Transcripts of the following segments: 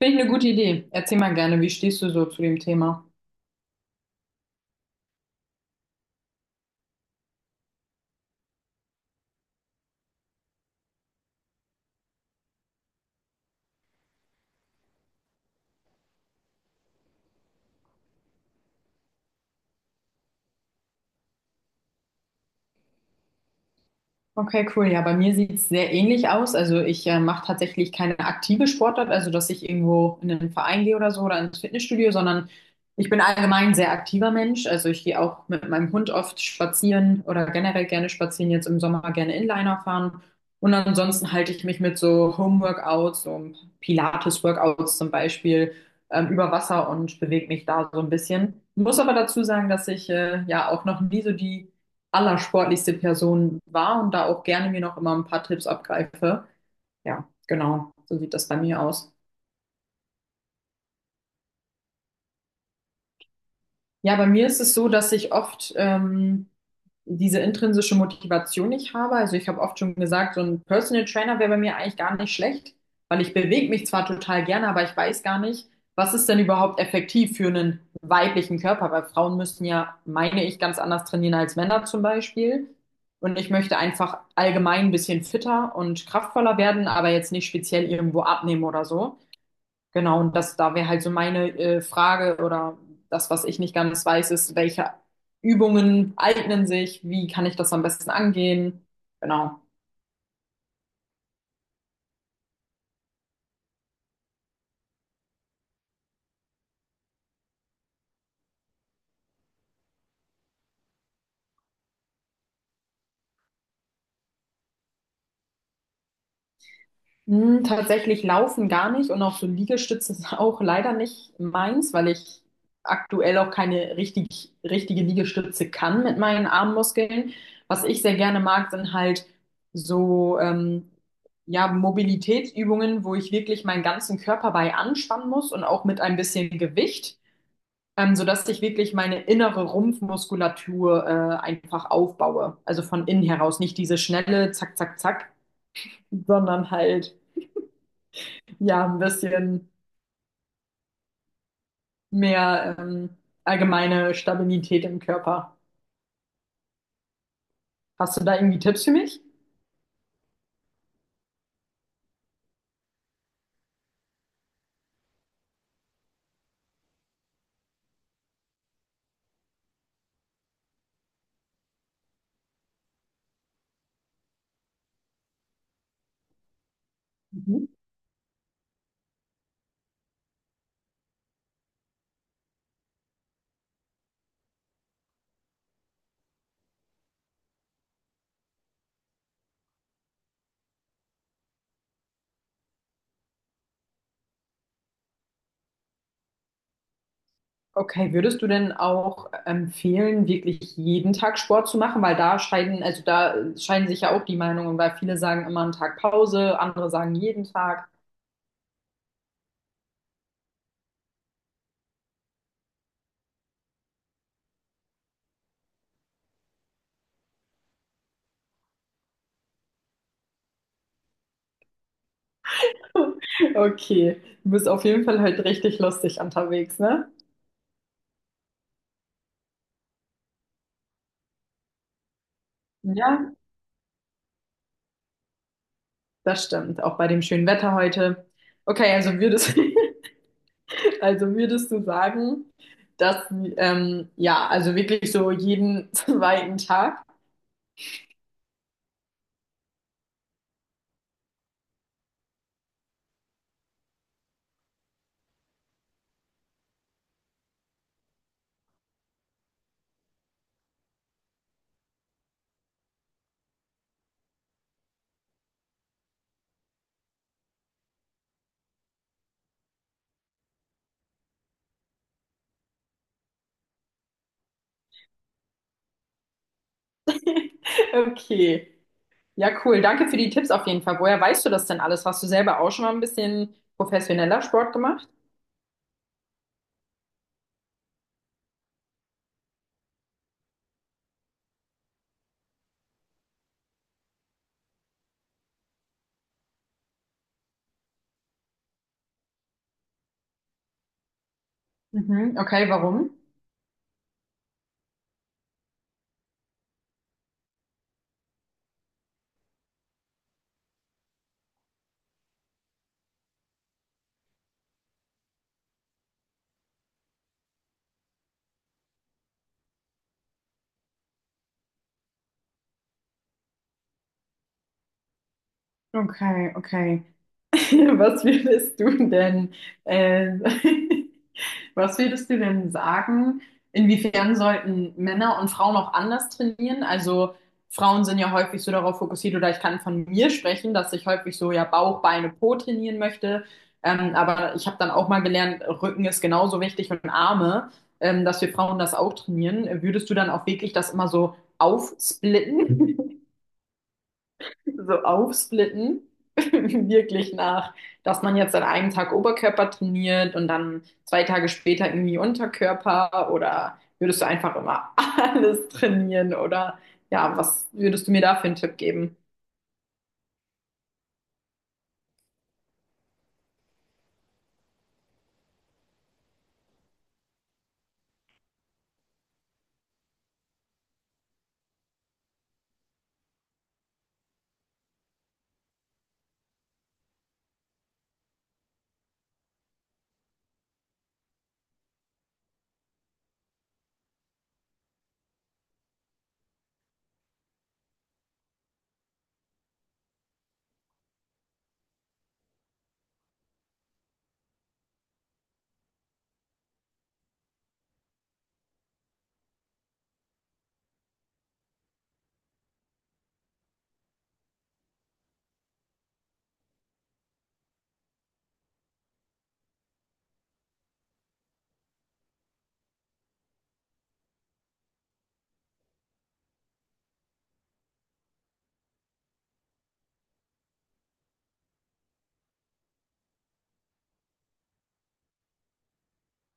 Finde ich eine gute Idee. Erzähl mal gerne, wie stehst du so zu dem Thema? Okay, cool. Ja, bei mir sieht es sehr ähnlich aus. Also ich mache tatsächlich keine aktive Sportart, also dass ich irgendwo in einen Verein gehe oder so oder ins Fitnessstudio, sondern ich bin allgemein ein sehr aktiver Mensch. Also ich gehe auch mit meinem Hund oft spazieren oder generell gerne spazieren, jetzt im Sommer gerne Inliner fahren. Und ansonsten halte ich mich mit so Home-Workouts, so Pilates-Workouts zum Beispiel, über Wasser und bewege mich da so ein bisschen. Muss aber dazu sagen, dass ich ja auch noch nie so die allersportlichste Person war und da auch gerne mir noch immer ein paar Tipps abgreife. Ja, genau, so sieht das bei mir aus. Ja, bei mir ist es so, dass ich oft diese intrinsische Motivation nicht habe. Also ich habe oft schon gesagt, so ein Personal Trainer wäre bei mir eigentlich gar nicht schlecht, weil ich bewege mich zwar total gerne, aber ich weiß gar nicht, was ist denn überhaupt effektiv für einen weiblichen Körper, weil Frauen müssen ja, meine ich, ganz anders trainieren als Männer zum Beispiel. Und ich möchte einfach allgemein ein bisschen fitter und kraftvoller werden, aber jetzt nicht speziell irgendwo abnehmen oder so. Genau, und das, da wäre halt so meine Frage oder das, was ich nicht ganz weiß, ist, welche Übungen eignen sich, wie kann ich das am besten angehen? Genau. Hm, tatsächlich laufen gar nicht und auch so Liegestütze ist auch leider nicht meins, weil ich aktuell auch keine richtige Liegestütze kann mit meinen Armmuskeln. Was ich sehr gerne mag, sind halt so ja, Mobilitätsübungen, wo ich wirklich meinen ganzen Körper bei anspannen muss und auch mit ein bisschen Gewicht. Sodass ich wirklich meine innere Rumpfmuskulatur einfach aufbaue. Also von innen heraus, nicht diese schnelle Zack, Zack, Zack, sondern halt ja ein bisschen mehr allgemeine Stabilität im Körper. Hast du da irgendwie Tipps für mich? Mhm. Okay, würdest du denn auch empfehlen, wirklich jeden Tag Sport zu machen? Weil also da scheiden sich ja auch die Meinungen, weil viele sagen immer einen Tag Pause, andere sagen jeden Tag. Okay, du bist auf jeden Fall halt richtig lustig unterwegs, ne? Ja, das stimmt, auch bei dem schönen Wetter heute. Okay, also würdest du sagen, dass, ja, also wirklich so jeden zweiten Tag? Okay, ja, cool. Danke für die Tipps auf jeden Fall. Woher weißt du das denn alles? Hast du selber auch schon mal ein bisschen professioneller Sport gemacht? Mhm, okay, warum? Okay, okay. Was würdest du denn äh, Was würdest du denn sagen, inwiefern sollten Männer und Frauen auch anders trainieren? Also Frauen sind ja häufig so darauf fokussiert, oder ich kann von mir sprechen, dass ich häufig so ja Bauch, Beine, Po trainieren möchte. Aber ich habe dann auch mal gelernt, Rücken ist genauso wichtig und Arme, dass wir Frauen das auch trainieren. Würdest du dann auch wirklich das immer so aufsplitten, wirklich nach, dass man jetzt an einem Tag Oberkörper trainiert und dann zwei Tage später irgendwie Unterkörper oder würdest du einfach immer alles trainieren oder ja, was würdest du mir da für einen Tipp geben?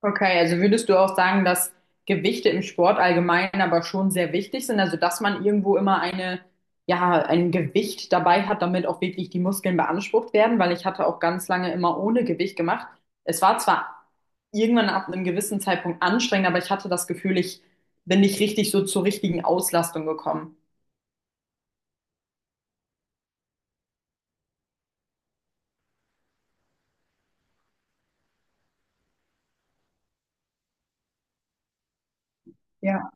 Okay, also würdest du auch sagen, dass Gewichte im Sport allgemein aber schon sehr wichtig sind, also dass man irgendwo immer eine, ja, ein Gewicht dabei hat, damit auch wirklich die Muskeln beansprucht werden, weil ich hatte auch ganz lange immer ohne Gewicht gemacht. Es war zwar irgendwann ab einem gewissen Zeitpunkt anstrengend, aber ich hatte das Gefühl, ich bin nicht richtig so zur richtigen Auslastung gekommen. Ja.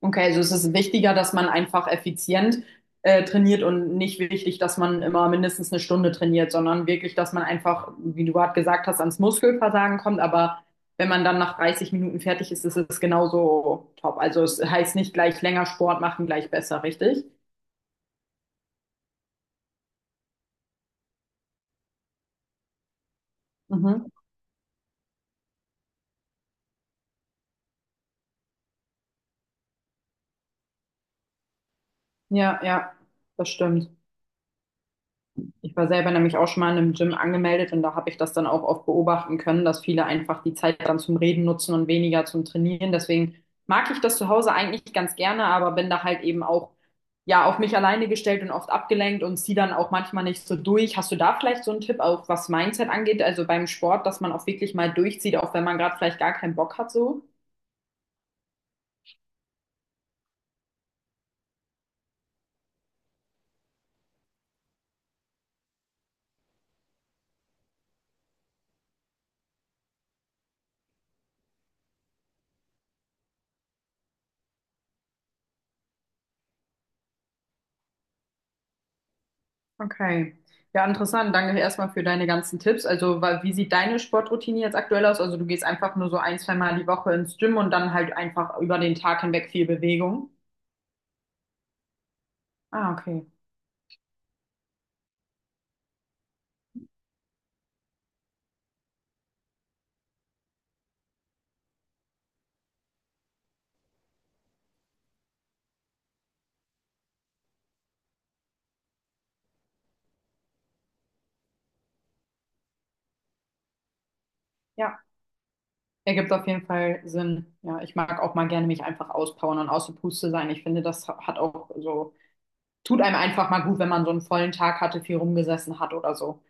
Okay, also es ist wichtiger, dass man einfach effizient trainiert und nicht wichtig, dass man immer mindestens 1 Stunde trainiert, sondern wirklich, dass man einfach, wie du gerade gesagt hast, ans Muskelversagen kommt. Aber wenn man dann nach 30 Minuten fertig ist, ist es genauso top. Also es heißt nicht gleich länger Sport machen, gleich besser, richtig? Mhm. Ja, ja, das stimmt. Ich war selber nämlich auch schon mal in einem Gym angemeldet und da habe ich das dann auch oft beobachten können, dass viele einfach die Zeit dann zum Reden nutzen und weniger zum Trainieren. Deswegen mag ich das zu Hause eigentlich ganz gerne, aber bin da halt eben auch ja auf mich alleine gestellt und oft abgelenkt und ziehe dann auch manchmal nicht so durch. Hast du da vielleicht so einen Tipp, auch was Mindset angeht, also beim Sport, dass man auch wirklich mal durchzieht, auch wenn man gerade vielleicht gar keinen Bock hat so? Okay. Ja, interessant. Danke erstmal für deine ganzen Tipps. Also, wie sieht deine Sportroutine jetzt aktuell aus? Also, du gehst einfach nur so ein, zwei Mal die Woche ins Gym und dann halt einfach über den Tag hinweg viel Bewegung. Ah, okay. Ja, ergibt auf jeden Fall Sinn. Ja, ich mag auch mal gerne mich einfach auspowern und aus der Puste sein. Ich finde, das hat auch so, tut einem einfach mal gut, wenn man so einen vollen Tag hatte, viel rumgesessen hat oder so.